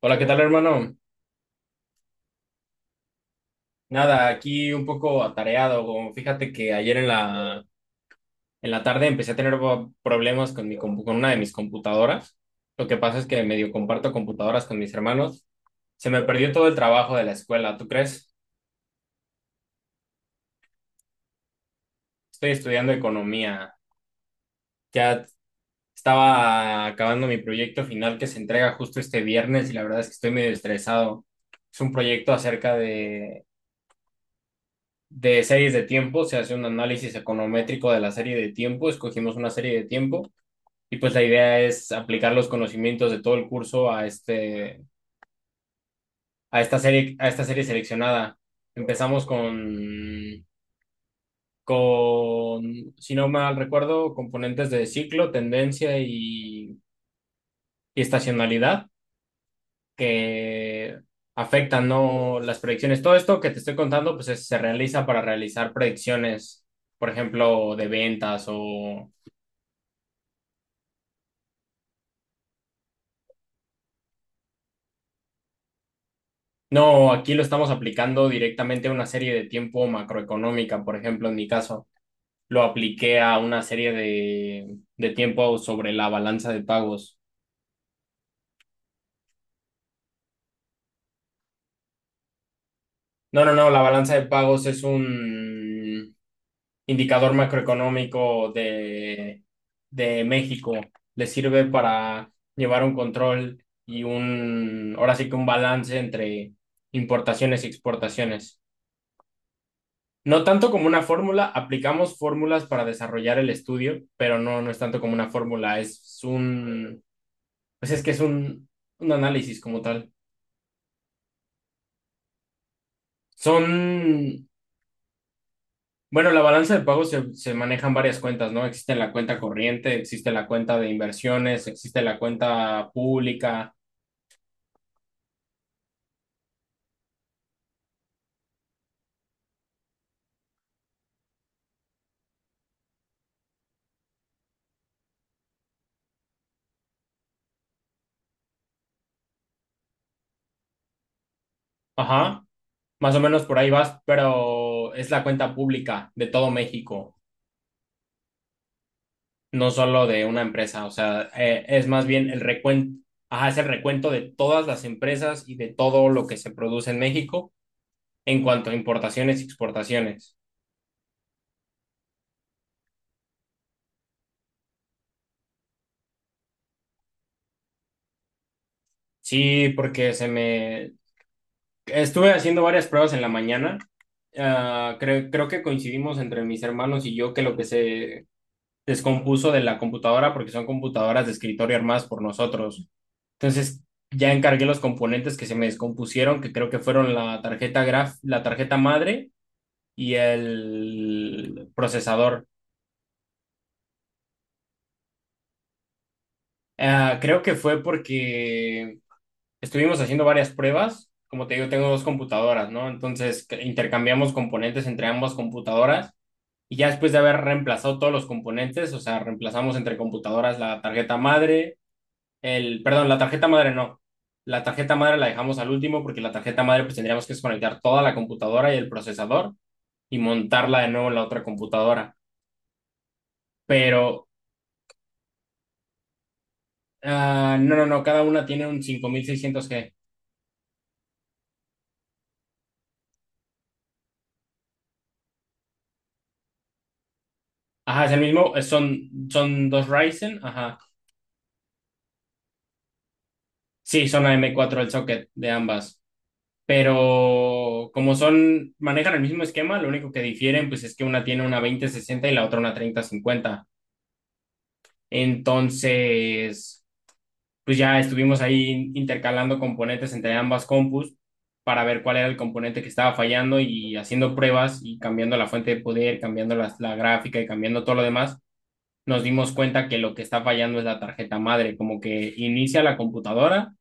Hola, ¿qué tal, hermano? Nada, aquí un poco atareado. Como Fíjate que ayer en la tarde empecé a tener problemas con una de mis computadoras. Lo que pasa es que medio comparto computadoras con mis hermanos. Se me perdió todo el trabajo de la escuela, ¿tú crees? Estoy estudiando economía. Ya estaba acabando mi proyecto final que se entrega justo este viernes y la verdad es que estoy medio estresado. Es un proyecto acerca de series de tiempo, se hace un análisis econométrico de la serie de tiempo, escogimos una serie de tiempo y pues la idea es aplicar los conocimientos de todo el curso a esta serie seleccionada. Empezamos con si no mal recuerdo, componentes de ciclo, tendencia y estacionalidad, que afectan no las predicciones. Todo esto que te estoy contando pues se realiza para realizar predicciones, por ejemplo, de ventas o. No, aquí lo estamos aplicando directamente a una serie de tiempo macroeconómica, por ejemplo, en mi caso, lo apliqué a una serie de tiempo sobre la balanza de pagos. No, no, no, la balanza de pagos es un indicador macroeconómico de México. Le sirve para llevar un control y un, ahora sí que un balance entre importaciones y exportaciones. No tanto como una fórmula, aplicamos fórmulas para desarrollar el estudio, pero no, no es tanto como una fórmula, es un, pues es que es un análisis como tal. Son, bueno, la balanza de pagos se manejan varias cuentas, ¿no? Existe la cuenta corriente, existe la cuenta de inversiones, existe la cuenta pública, ajá, más o menos por ahí vas, pero es la cuenta pública de todo México. No solo de una empresa, o sea, es más bien el recuento, ajá, es el recuento de todas las empresas y de todo lo que se produce en México en cuanto a importaciones y exportaciones. Sí, porque se me... Estuve haciendo varias pruebas en la mañana. Ah, creo que coincidimos entre mis hermanos y yo que lo que se descompuso de la computadora, porque son computadoras de escritorio armadas por nosotros. Entonces, ya encargué los componentes que se me descompusieron, que creo que fueron la tarjeta madre y el procesador. Ah, creo que fue porque estuvimos haciendo varias pruebas. Como te digo, tengo dos computadoras, ¿no? Entonces intercambiamos componentes entre ambas computadoras, y ya después de haber reemplazado todos los componentes, o sea, reemplazamos entre computadoras la tarjeta madre, el, perdón, la tarjeta madre no. La tarjeta madre la dejamos al último porque la tarjeta madre pues tendríamos que desconectar toda la computadora y el procesador y montarla de nuevo en la otra computadora. Pero. Ah, no, no, no, cada una tiene un 5600G. Ajá, es el mismo, son dos Ryzen, ajá. Sí, son AM4 el socket de ambas, pero como son, manejan el mismo esquema, lo único que difieren pues es que una tiene una 2060 y la otra una 3050. Entonces, pues ya estuvimos ahí intercalando componentes entre ambas compus para ver cuál era el componente que estaba fallando y haciendo pruebas y cambiando la fuente de poder, cambiando la gráfica y cambiando todo lo demás. Nos dimos cuenta que lo que está fallando es la tarjeta madre, como que inicia la computadora,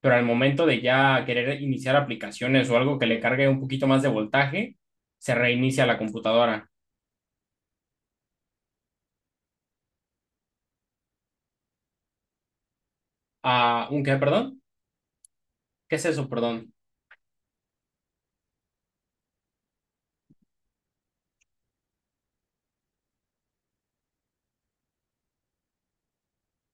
pero al momento de ya querer iniciar aplicaciones o algo que le cargue un poquito más de voltaje, se reinicia la computadora. Ah, ¿un qué, perdón? ¿Qué es eso, perdón?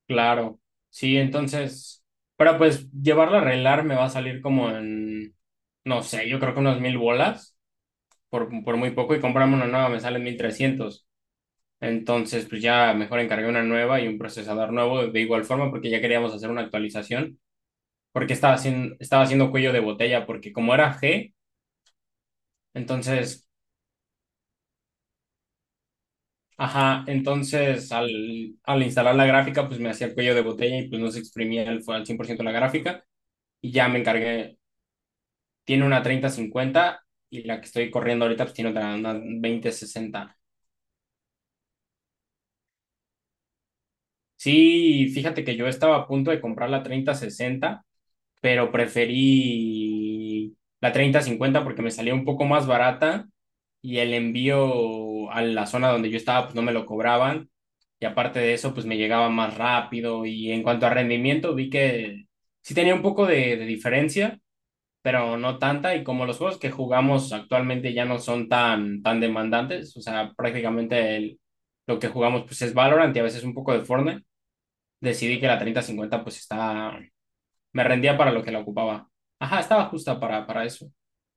Claro. Sí, entonces, pero pues llevarlo a arreglar me va a salir como en, no sé, yo creo que unas 1000 bolas, por muy poco, y comprarme una nueva me salen 1300. Entonces, pues ya mejor encargué una nueva y un procesador nuevo de igual forma porque ya queríamos hacer una actualización, porque estaba haciendo cuello de botella, porque como era G, entonces, ajá, entonces al instalar la gráfica, pues me hacía cuello de botella y pues no se exprimía el, al 100% la gráfica, y ya me encargué, tiene una 3050 y la que estoy corriendo ahorita pues tiene otra, una 2060. Sí, fíjate que yo estaba a punto de comprar la 3060, pero preferí la 3050 porque me salía un poco más barata y el envío a la zona donde yo estaba pues no me lo cobraban, y aparte de eso pues me llegaba más rápido, y en cuanto a rendimiento vi que sí tenía un poco de diferencia, pero no tanta, y como los juegos que jugamos actualmente ya no son tan demandantes, o sea, prácticamente lo que jugamos pues es Valorant y a veces un poco de Fortnite, decidí que la 3050 pues está, me rendía para lo que la ocupaba. Ajá, estaba justa para eso.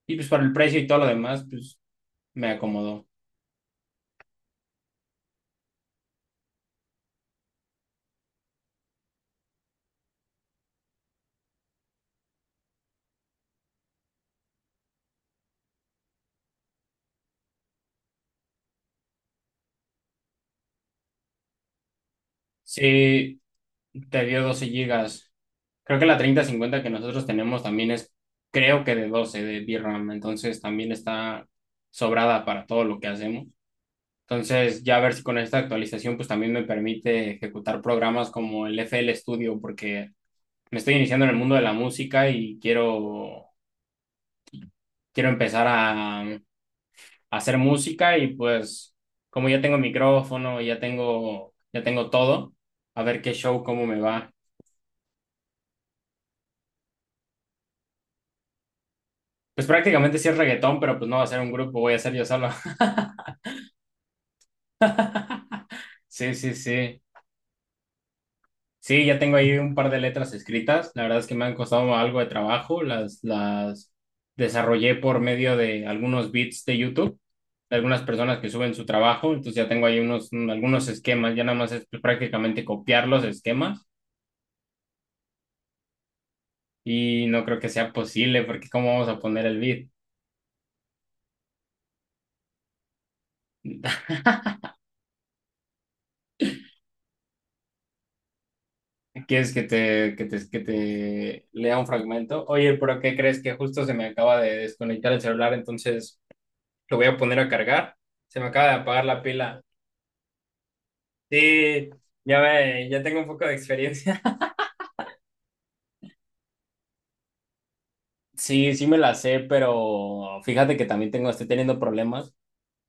Y pues para el precio y todo lo demás, pues me acomodó. Sí, te dio 12 gigas. Creo que la 3050 que nosotros tenemos también es, creo que de 12 de VRAM, entonces también está sobrada para todo lo que hacemos. Entonces, ya a ver si con esta actualización pues también me permite ejecutar programas como el FL Studio, porque me estoy iniciando en el mundo de la música y quiero empezar a hacer música y pues como ya tengo micrófono, ya tengo todo, a ver qué show, cómo me va. Pues prácticamente sí es reggaetón, pero pues no va a ser un grupo, voy a ser yo solo. Sí, sí, sí. Sí, ya tengo ahí un par de letras escritas. La verdad es que me han costado algo de trabajo. Las desarrollé por medio de algunos beats de YouTube, de algunas personas que suben su trabajo. Entonces ya tengo ahí unos, algunos esquemas. Ya nada más es pues, prácticamente copiar los esquemas. Y no creo que sea posible, porque ¿cómo vamos a poner el beat? ¿Quieres que te lea un fragmento? Oye, pero ¿qué crees que justo se me acaba de desconectar el celular? Entonces lo voy a poner a cargar. Se me acaba de apagar la pila. Sí, ya ve, ya tengo un poco de experiencia. Sí, sí me la sé, pero fíjate que también tengo, estoy teniendo problemas,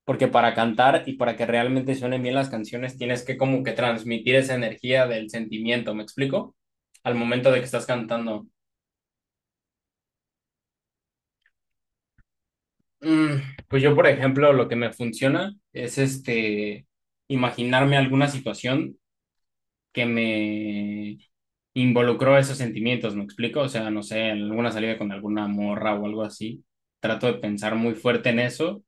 porque para cantar y para que realmente suenen bien las canciones tienes que como que transmitir esa energía del sentimiento, ¿me explico? Al momento de que estás cantando. Mm, pues yo, por ejemplo, lo que me funciona es este imaginarme alguna situación que me involucró esos sentimientos, ¿me explico? O sea, no sé, alguna salida con alguna morra o algo así. Trato de pensar muy fuerte en eso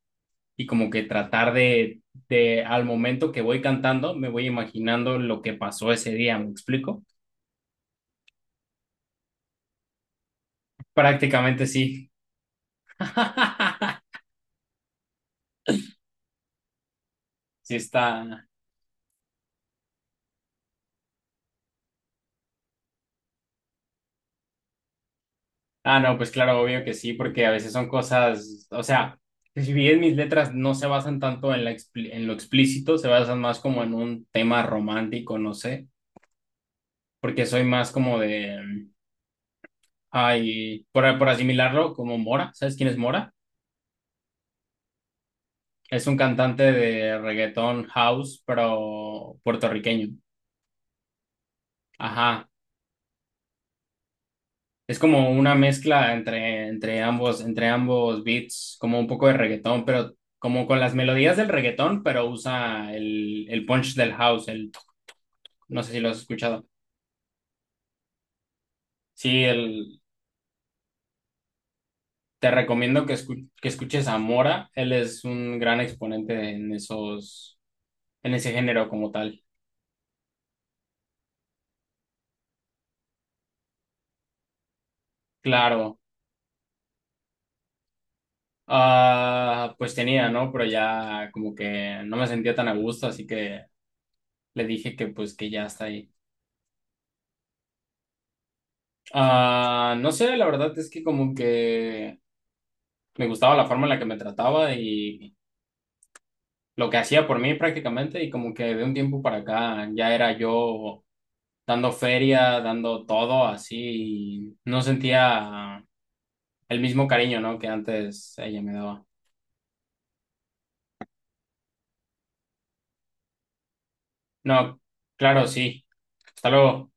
y como que tratar de al momento que voy cantando, me voy imaginando lo que pasó ese día, ¿me explico? Prácticamente sí. Sí está. Ah, no, pues claro, obvio que sí, porque a veces son cosas, o sea, si bien mis letras no se basan tanto en en lo explícito, se basan más como en un tema romántico, no sé, porque soy más como de, ay, por asimilarlo, como Mora. ¿Sabes quién es Mora? Es un cantante de reggaetón house, pero puertorriqueño. Ajá. Es como una mezcla entre ambos beats, como un poco de reggaetón, pero como con las melodías del reggaetón, pero usa el punch del house, el, no sé si lo has escuchado. Sí, te recomiendo que, que escuches a Mora, él es un gran exponente en ese género como tal. Claro, ah, pues tenía, ¿no? Pero ya como que no me sentía tan a gusto, así que le dije que pues que ya está ahí. Ah, no sé, la verdad es que como que me gustaba la forma en la que me trataba y lo que hacía por mí prácticamente, y como que de un tiempo para acá ya era yo dando feria, dando todo así, y no sentía el mismo cariño, ¿no? que antes ella me daba. No, claro, sí. Hasta luego.